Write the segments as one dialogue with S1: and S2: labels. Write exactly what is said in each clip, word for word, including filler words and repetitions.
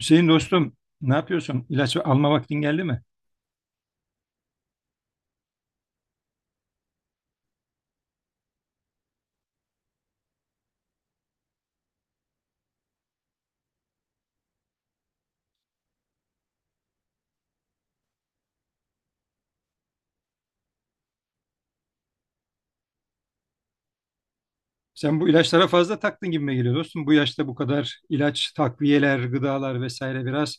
S1: Hüseyin dostum, ne yapıyorsun? İlaç alma vaktin geldi mi? Sen bu ilaçlara fazla taktın gibime geliyor dostum. Bu yaşta bu kadar ilaç, takviyeler, gıdalar vesaire biraz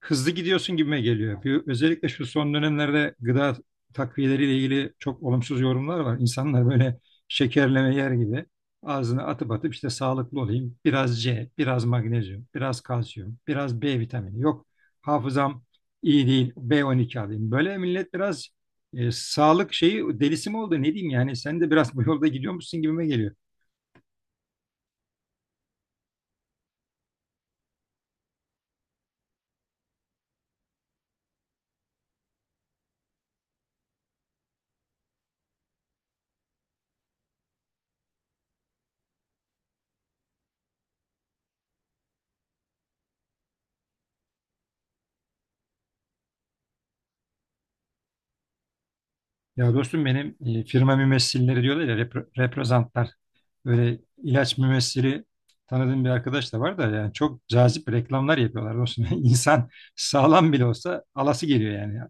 S1: hızlı gidiyorsun gibime geliyor. Bir, özellikle şu son dönemlerde gıda takviyeleriyle ilgili çok olumsuz yorumlar var. İnsanlar böyle şekerleme yer gibi ağzına atıp atıp işte sağlıklı olayım. Biraz C, biraz magnezyum, biraz kalsiyum, biraz B vitamini. Yok hafızam iyi değil, B on iki alayım. Böyle millet biraz e, sağlık şeyi delisi mi oldu ne diyeyim yani sen de biraz bu yolda gidiyormuşsun gibime geliyor. Ya dostum benim e, firma mümessilleri diyorlar ya repre- reprezentler. Böyle ilaç mümessili tanıdığım bir arkadaş da var da yani çok cazip reklamlar yapıyorlar dostum. İnsan sağlam bile olsa alası geliyor yani.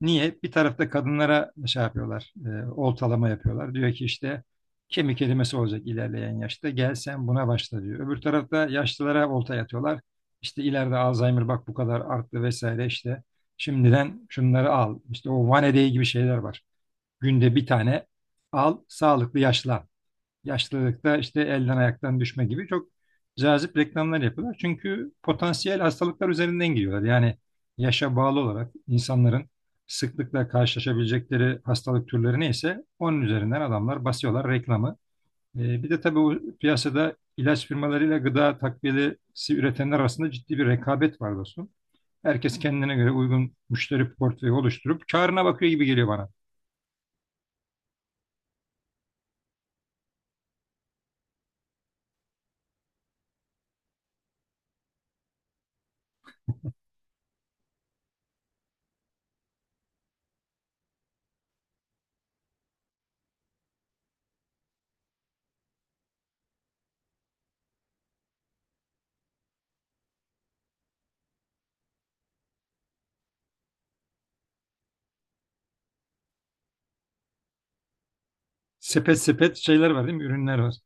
S1: Niye? Bir tarafta kadınlara şey yapıyorlar, e, oltalama yapıyorlar. Diyor ki işte kemik erimesi olacak ilerleyen yaşta gel sen buna başla diyor. Öbür tarafta yaşlılara olta yatıyorlar. İşte ileride Alzheimer bak bu kadar arttı vesaire işte. Şimdiden şunları al. İşte o vanedeyi gibi şeyler var. Günde bir tane al, sağlıklı yaşlan. Yaşlılıkta işte elden ayaktan düşme gibi çok cazip reklamlar yapıyorlar. Çünkü potansiyel hastalıklar üzerinden giriyorlar. Yani yaşa bağlı olarak insanların sıklıkla karşılaşabilecekleri hastalık türleri neyse onun üzerinden adamlar basıyorlar reklamı. Ee, bir de tabii bu piyasada ilaç firmalarıyla gıda takviyesi üretenler arasında ciddi bir rekabet var dostum. Herkes kendine göre uygun müşteri portföyü oluşturup karına bakıyor gibi geliyor bana. Sepet sepet şeyler var değil mi? Ürünler var.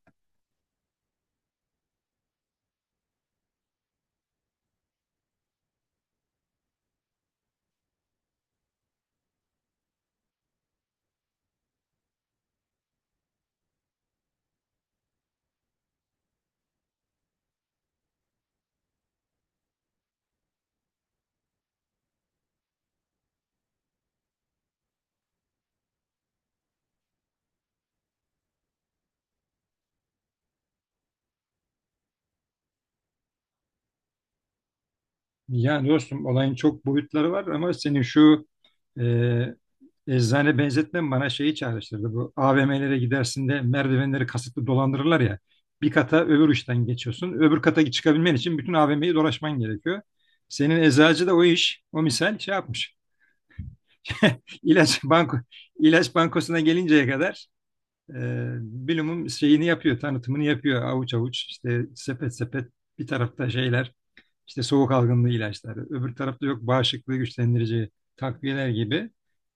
S1: Yani dostum olayın çok boyutları var ama senin şu e, eczane benzetmen bana şeyi çağrıştırdı. Bu A V M'lere gidersin de merdivenleri kasıtlı dolandırırlar ya. Bir kata öbür uçtan geçiyorsun. Öbür kata çıkabilmen için bütün A V M'yi dolaşman gerekiyor. Senin eczacı da o iş, o misal şey yapmış. İlaç banko, ilaç bankosuna gelinceye kadar e, bilumum şeyini yapıyor, tanıtımını yapıyor. Avuç avuç işte sepet sepet bir tarafta şeyler, işte soğuk algınlığı ilaçları, öbür tarafta yok bağışıklığı güçlendirici takviyeler gibi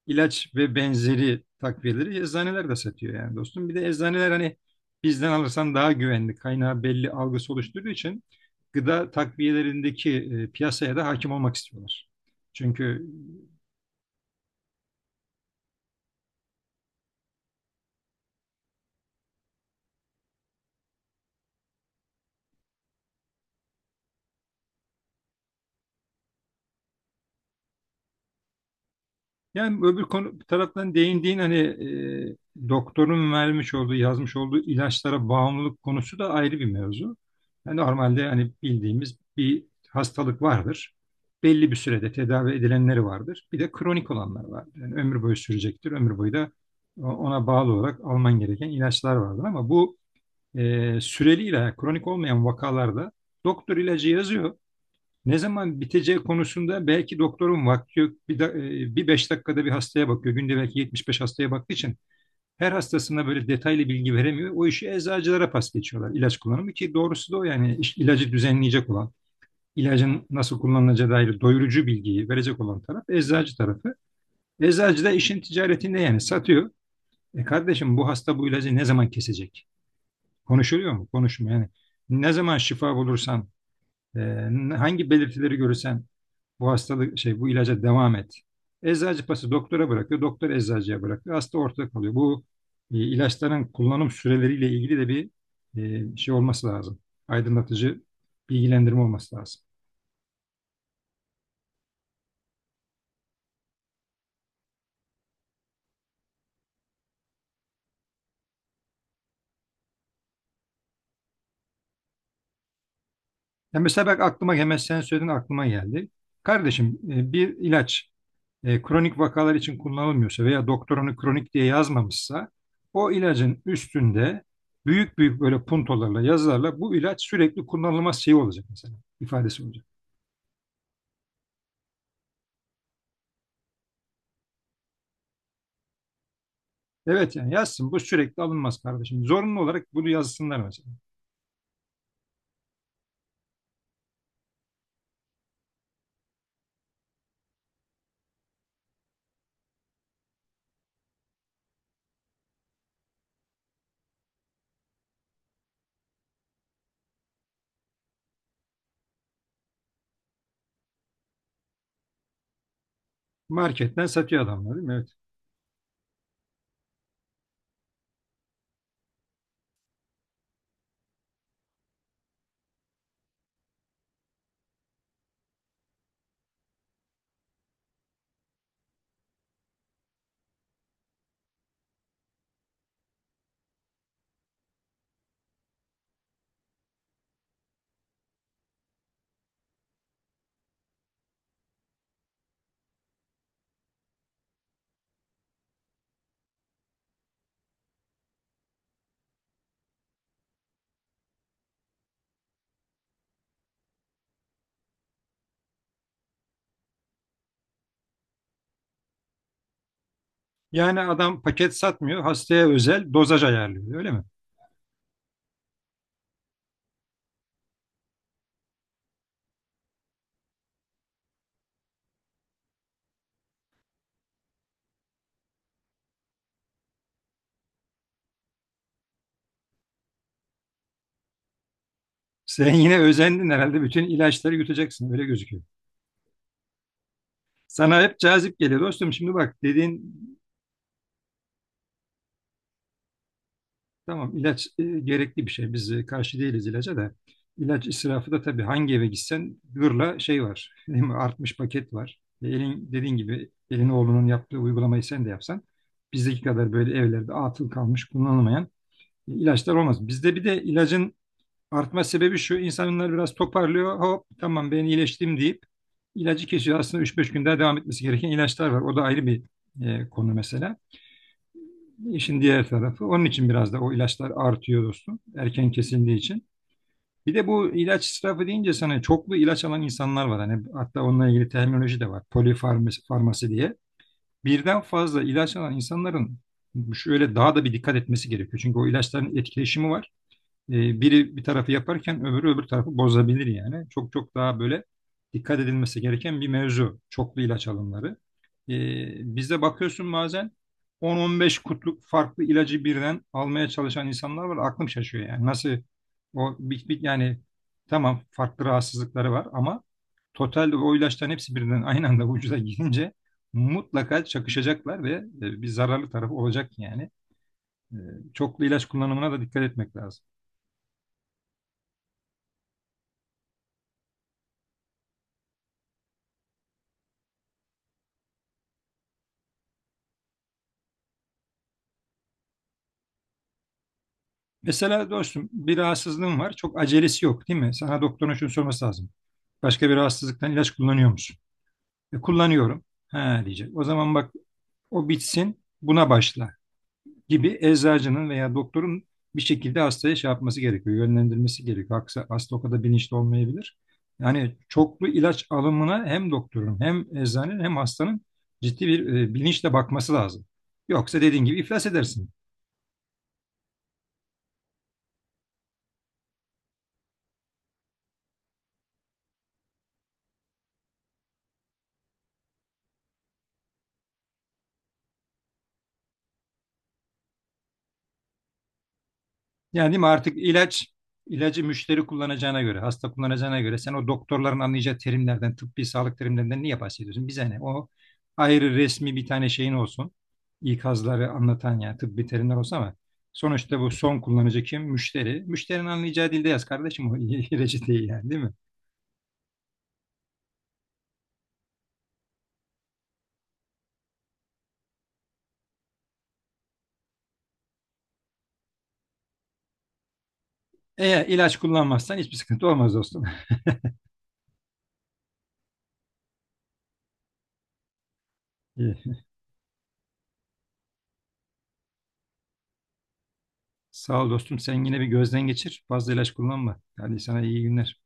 S1: ilaç ve benzeri takviyeleri eczaneler de satıyor yani dostum. Bir de eczaneler hani bizden alırsan daha güvenli, kaynağı belli algısı oluşturduğu için gıda takviyelerindeki e, piyasaya da hakim olmak istiyorlar. Çünkü. Yani öbür konu bir taraftan değindiğin hani e, doktorun vermiş olduğu, yazmış olduğu ilaçlara bağımlılık konusu da ayrı bir mevzu. Yani normalde hani bildiğimiz bir hastalık vardır. Belli bir sürede tedavi edilenleri vardır. Bir de kronik olanlar vardır. Yani ömür boyu sürecektir. Ömür boyu da ona bağlı olarak alman gereken ilaçlar vardır. Ama bu e, süreli ilaç, kronik olmayan vakalarda doktor ilacı yazıyor. Ne zaman biteceği konusunda belki doktorun vakti yok. Bir, da- e, bir beş dakikada bir hastaya bakıyor. Günde belki yetmiş beş hastaya baktığı için her hastasına böyle detaylı bilgi veremiyor. O işi eczacılara pas geçiyorlar ilaç kullanımı ki doğrusu da o yani iş- ilacı düzenleyecek olan, ilacın nasıl kullanılacağı dair doyurucu bilgiyi verecek olan taraf eczacı tarafı. Eczacı da işin ticaretinde yani satıyor. E kardeşim bu hasta bu ilacı ne zaman kesecek? Konuşuluyor mu? Konuşmuyor yani. Ne zaman şifa bulursan ee, hangi belirtileri görürsen bu hastalık şey bu ilaca devam et. Eczacı pası doktora bırakıyor, doktor eczacıya bırakıyor. Hasta ortada kalıyor. Bu e, ilaçların kullanım süreleriyle ilgili de bir e, şey olması lazım. Aydınlatıcı bilgilendirme olması lazım. Ya mesela bak aklıma hemen sen söyledin aklıma geldi. Kardeşim e, bir ilaç e, kronik vakalar için kullanılmıyorsa veya doktor onu kronik diye yazmamışsa o ilacın üstünde büyük büyük böyle puntolarla yazılarla bu ilaç sürekli kullanılmaz şey olacak mesela ifadesi olacak. Evet yani yazsın bu sürekli alınmaz kardeşim. Zorunlu olarak bunu yazsınlar mesela. Marketten satıyor adamlar değil mi? Evet. Yani adam paket satmıyor hastaya özel dozaj ayarlıyor öyle mi? Sen yine özendin herhalde bütün ilaçları yutacaksın öyle gözüküyor. Sana hep cazip geliyor dostum şimdi bak dediğin tamam ilaç e, gerekli bir şey biz e, karşı değiliz ilaca da. İlaç israfı da tabii hangi eve gitsen gırla şey var değil mi artmış paket var. E, elin dediğin gibi elin oğlunun yaptığı uygulamayı sen de yapsan bizdeki kadar böyle evlerde atıl kalmış kullanılmayan İlaçlar olmaz. Bizde bir de ilacın artma sebebi şu. İnsanlar biraz toparlıyor. Hop tamam ben iyileştim deyip ilacı kesiyor. Aslında üç beş gün daha devam etmesi gereken ilaçlar var. O da ayrı bir e, konu mesela. İşin diğer tarafı. Onun için biraz da o ilaçlar artıyor dostum. Erken kesildiği için. Bir de bu ilaç israfı deyince sana çoklu ilaç alan insanlar var. Hani hatta onunla ilgili terminoloji de var. Polifarmasi farmasi diye. Birden fazla ilaç alan insanların şöyle daha da bir dikkat etmesi gerekiyor. Çünkü o ilaçların etkileşimi var e, biri bir tarafı yaparken öbürü öbür tarafı bozabilir yani. Çok çok daha böyle dikkat edilmesi gereken bir mevzu. Çoklu ilaç alımları. E, bizde bakıyorsun bazen on on beş kutluk farklı ilacı birden almaya çalışan insanlar var. Aklım şaşıyor yani. Nasıl o bir, bir- yani tamam farklı rahatsızlıkları var ama totalde o ilaçların hepsi birden aynı anda vücuda girince mutlaka çakışacaklar ve e, bir zararlı tarafı olacak yani. E, çoklu ilaç kullanımına da dikkat etmek lazım. Mesela dostum bir rahatsızlığın var. Çok acelesi yok değil mi? Sana doktorun şunu sorması lazım. Başka bir rahatsızlıktan ilaç kullanıyor musun? E, kullanıyorum. Ha diyecek. O zaman bak o bitsin buna başla gibi eczacının veya doktorun bir şekilde hastaya şey yapması gerekiyor. Yönlendirmesi gerekiyor. Hasta, hasta o kadar bilinçli olmayabilir. Yani çoklu ilaç alımına hem doktorun hem eczanenin hem hastanın ciddi bir e, bilinçle bakması lazım. Yoksa dediğin gibi iflas edersin. Yani değil mi artık ilaç ilacı müşteri kullanacağına göre, hasta kullanacağına göre sen o doktorların anlayacağı terimlerden, tıbbi sağlık terimlerinden niye bahsediyorsun? Bize ne? O ayrı resmi bir tane şeyin olsun. İkazları anlatan yani tıbbi terimler olsa ama sonuçta bu son kullanıcı kim? Müşteri. Müşterinin anlayacağı dilde yaz kardeşim o reçeteyi yani değil mi? Eğer ilaç kullanmazsan hiçbir sıkıntı olmaz dostum. İyi. Sağ ol dostum. Sen yine bir gözden geçir. Fazla ilaç kullanma. Hadi sana iyi günler.